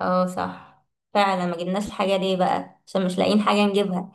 اه صح. فعلا ما جبناش الحاجة دي بقى عشان مش لاقيين حاجة نجيبها.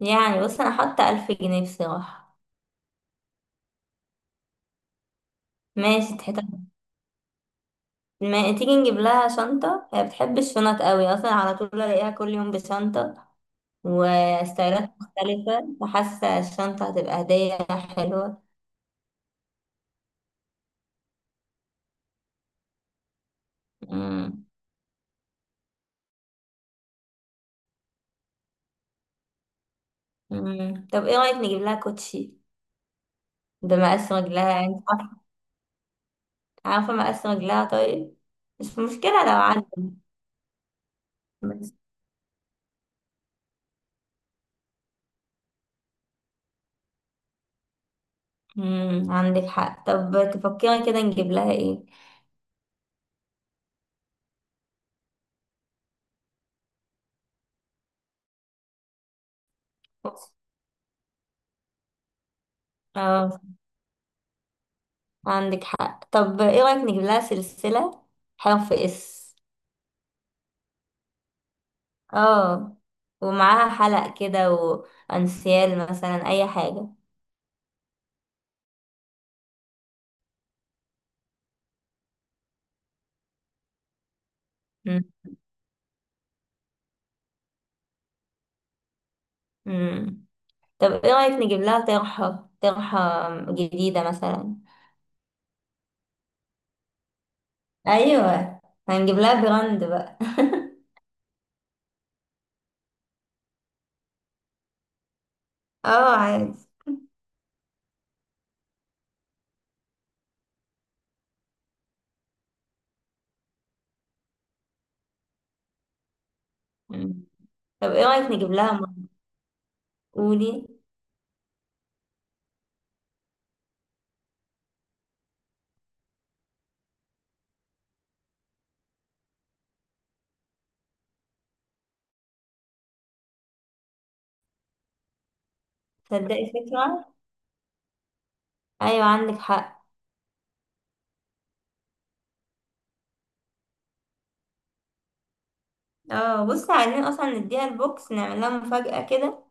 يعني بص انا حاطة 1000 جنيه بصراحة. ماشي تحت. ما تيجي نجيب لها شنطة، هي بتحب الشنط قوي اصلا، على طول الاقيها كل يوم بشنطة وستايلات مختلفة، فحاسة الشنطة هتبقى هدية حلوة. مم. مم. طب ايه رأيك نجيب لها كوتشي بمقاس رجلها، انت عارفة؟ عارفة مقاس رجلها طيب، مش مشكلة لو عندك. بس. مم. عندك حق. طب تفكري كده نجيب لها ايه؟ اه عندك حق. طب ايه رأيك نجيب لها سلسلة حرف اس؟ اه، ومعاها حلق كده وانسيال مثلا، اي حاجة. مم. مم. طب ايه رأيك نجيب لها طرحة جديدة مثلا؟ ايوه، هنجيب لها براند بقى. اه عادي. مم. طب ايه رأيك نجيب لها قولي. تصدقي فكرة. ايوه عندك حق. اه بصي، عايزين اصلا نديها البوكس، نعمل لها مفاجأة كده.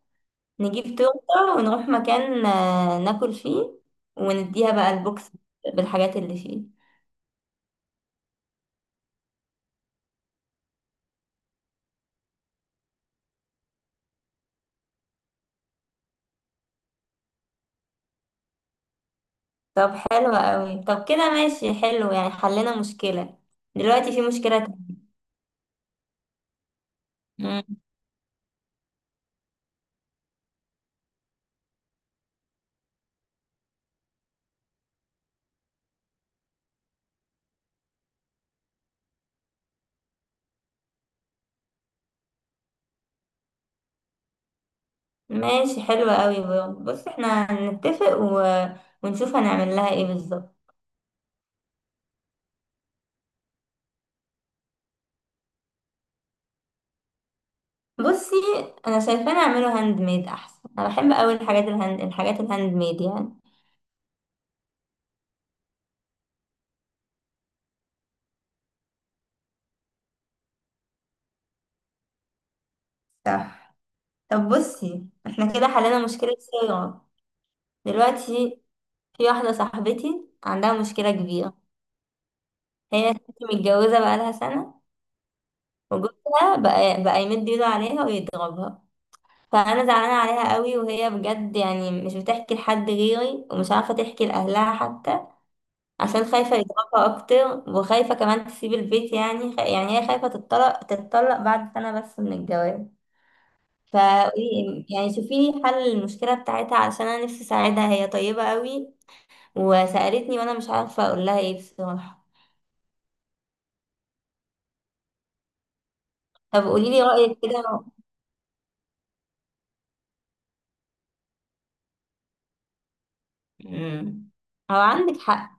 نجيب تورته ونروح مكان ناكل فيه، ونديها بقى البوكس بالحاجات اللي فيه. طب حلو قوي. طب كده ماشي، حلو يعني، حلنا مشكلة. دلوقتي في مشكلة تانية. مم. ماشي حلو قوي، برافو. بص احنا هنتفق ونشوف هنعمل لها ايه بالظبط. بصي، انا شايفة نعمله هاند ميد احسن، انا بحب قوي الحاجات الهاند ميد يعني. صح. طب بصي احنا كده حلينا مشكلة صيغة، دلوقتي في واحدة صاحبتي عندها مشكلة كبيرة. هي ست متجوزة بقالها سنة، وجوزها بقى يمد ايده عليها ويضربها. فأنا زعلانة عليها قوي، وهي بجد يعني مش بتحكي لحد غيري، ومش عارفة تحكي لأهلها حتى، عشان خايفة يضربها أكتر، وخايفة كمان تسيب البيت. يعني يعني هي خايفة تتطلق بعد سنة بس من الجواز. فقولي يعني شوفي لي حل المشكلة بتاعتها، علشان أنا نفسي أساعدها، هي طيبة قوي. وسألتني وأنا مش عارفة أقول لها إيه بصراحة. طب قولي لي رأيك كده. مم. هو عندك حق.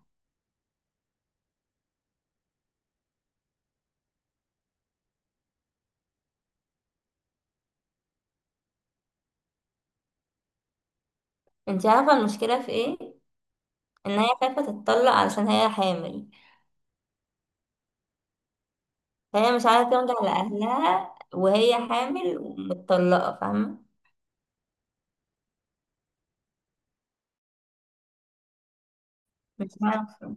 انت عارفة المشكلة في ايه؟ ان هي خايفة تتطلق علشان هي حامل. فهي مش عارفة ترجع لأهلها وهي حامل ومتطلقة، فاهمة؟ مش عارفة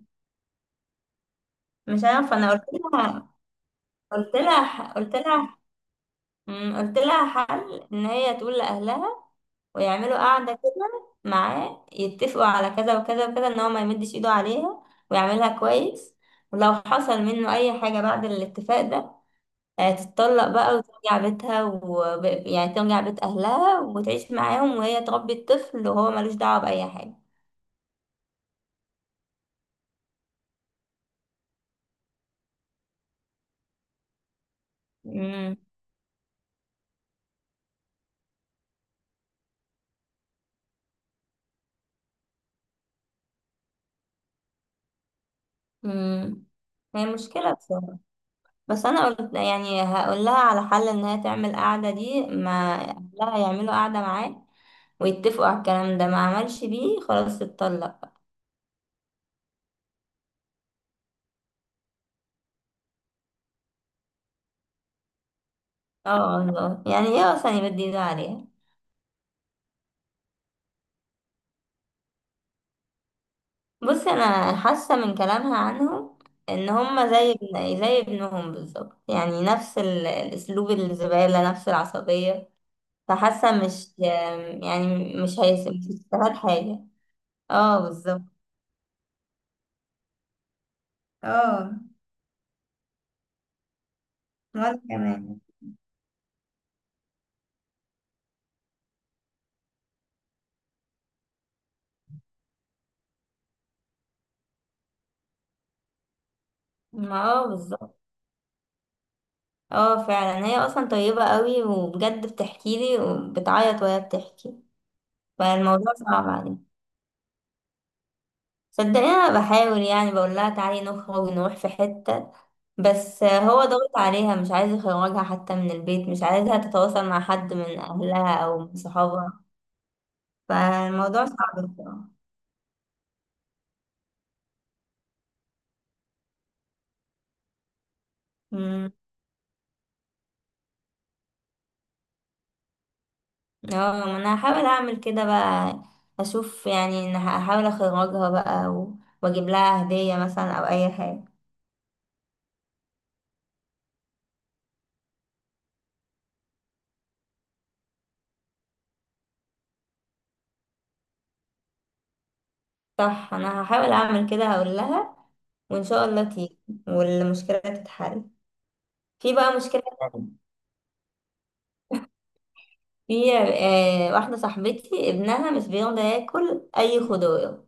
مش عارفة انا قلت لها. مم، قلت لها حل، ان هي تقول لأهلها، ويعملوا قعدة كده معاه، يتفقوا على كذا وكذا وكذا، ان هو ما يمدش ايده عليها ويعملها كويس. ولو حصل منه اي حاجة بعد الاتفاق ده، تتطلق بقى وترجع بيتها يعني ترجع بيت أهلها وتعيش معاهم، وهي تربي الطفل وهو ملوش دعوة بأي حاجة. مم. مم. هي مشكلة بصراحة. بس أنا قلت يعني هقول لها على حل، إن هي تعمل قعدة دي، ما أهلها يعملوا قعدة معاه، ويتفقوا على الكلام ده. ما عملش بيه، خلاص تتطلق. اه والله، يعني هي أصلا يبدي إيده عليها. بص انا حاسه من كلامها عنهم، ان هم زي ابنهم بالظبط، يعني نفس الاسلوب الزباله، نفس العصبيه. فحاسه مش يعني، مش هيستفاد حاجه. اه بالظبط. اه، وانا كمان. ما اه بالظبط. اه فعلا، هي اصلا طيبه قوي، وبجد بتحكي لي وبتعيط وهي بتحكي. فالموضوع صعب عليها. صدقني انا بحاول، يعني بقول لها تعالي نخرج نروح في حتة، بس هو ضغط عليها، مش عايز يخرجها حتى من البيت، مش عايزها تتواصل مع حد من اهلها او من صحابها. فالموضوع صعب بصراحة. أمم. اه، ما انا هحاول اعمل كده بقى، اشوف، يعني ان هحاول اخرجها بقى واجيب لها هدية مثلا او اي حاجة. صح، انا هحاول اعمل كده، هقول لها، وان شاء الله تيجي والمشكلة تتحل. في بقى مشكلة. في واحدة صاحبتي ابنها مش بيرضى ياكل أي خضار،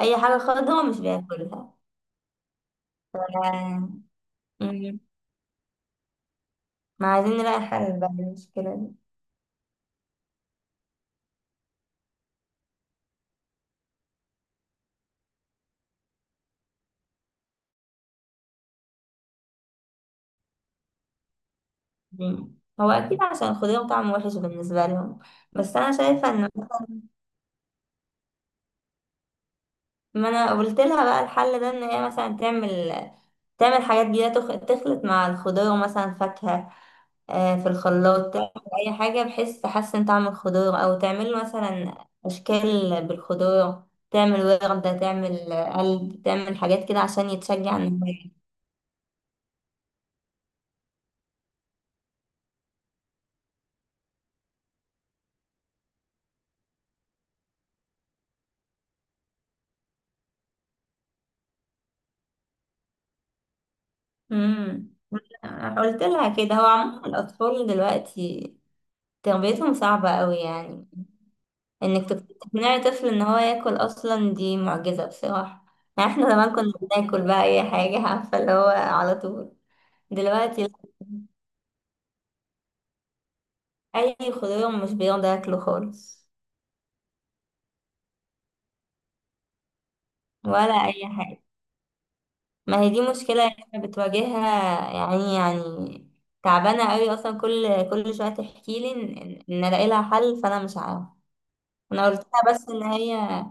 أي حاجة خضرا مش بياكلها. آه. مم. ما عايزين نلاقي حل بقى للمشكلة دي. مم. هو أكيد عشان الخضار طعمه وحش بالنسبة لهم. بس أنا شايفة إن، ما أنا قلت لها بقى الحل ده، إن هي مثلا تعمل حاجات جديدة، تخلط مع الخضار مثلا فاكهة في الخلاط، تعمل اي حاجه بحيث تحسن طعم الخضار، او تعمل مثلا اشكال بالخضار، تعمل وردة، تعمل قلب، تعمل حاجات كده عشان يتشجع النهاية. امم. قلت لها كده. هو عموما الاطفال دلوقتي تربيتهم صعبه قوي، يعني انك تقنعي طفل ان هو ياكل اصلا دي معجزه بصراحه. يعني احنا زمان كنا بناكل بقى اي حاجه، عارفه اللي هو على طول. دلوقتي لا. اي خضار مش بيرضى ياكله خالص، ولا اي حاجه. ما هي دي مشكله احنا بتواجهها يعني، تعبانه قوي اصلا، كل شويه تحكي لي ان الاقي لها حل، فانا مش عارفه. انا قلت لها بس ان هي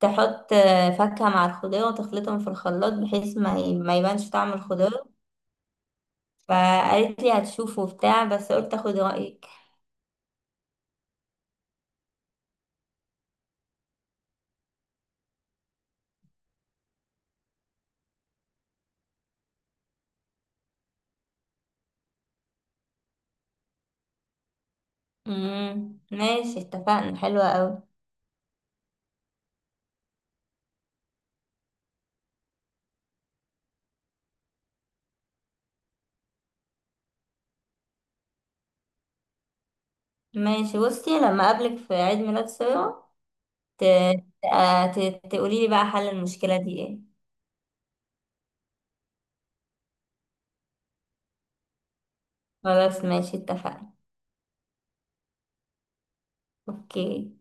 تحط فاكهه مع الخضار، وتخلطهم في الخلاط بحيث ما يبانش طعم الخضار. فقالت لي هتشوفه وبتاع، بس قلت اخد رايك. امم، ماشي اتفقنا، حلوه قوي. ماشي بصي، لما اقابلك في عيد ميلاد ساره، ت- تقولي لي بقى حل المشكله دي ايه. خلاص، ماشي اتفقنا. اوكي.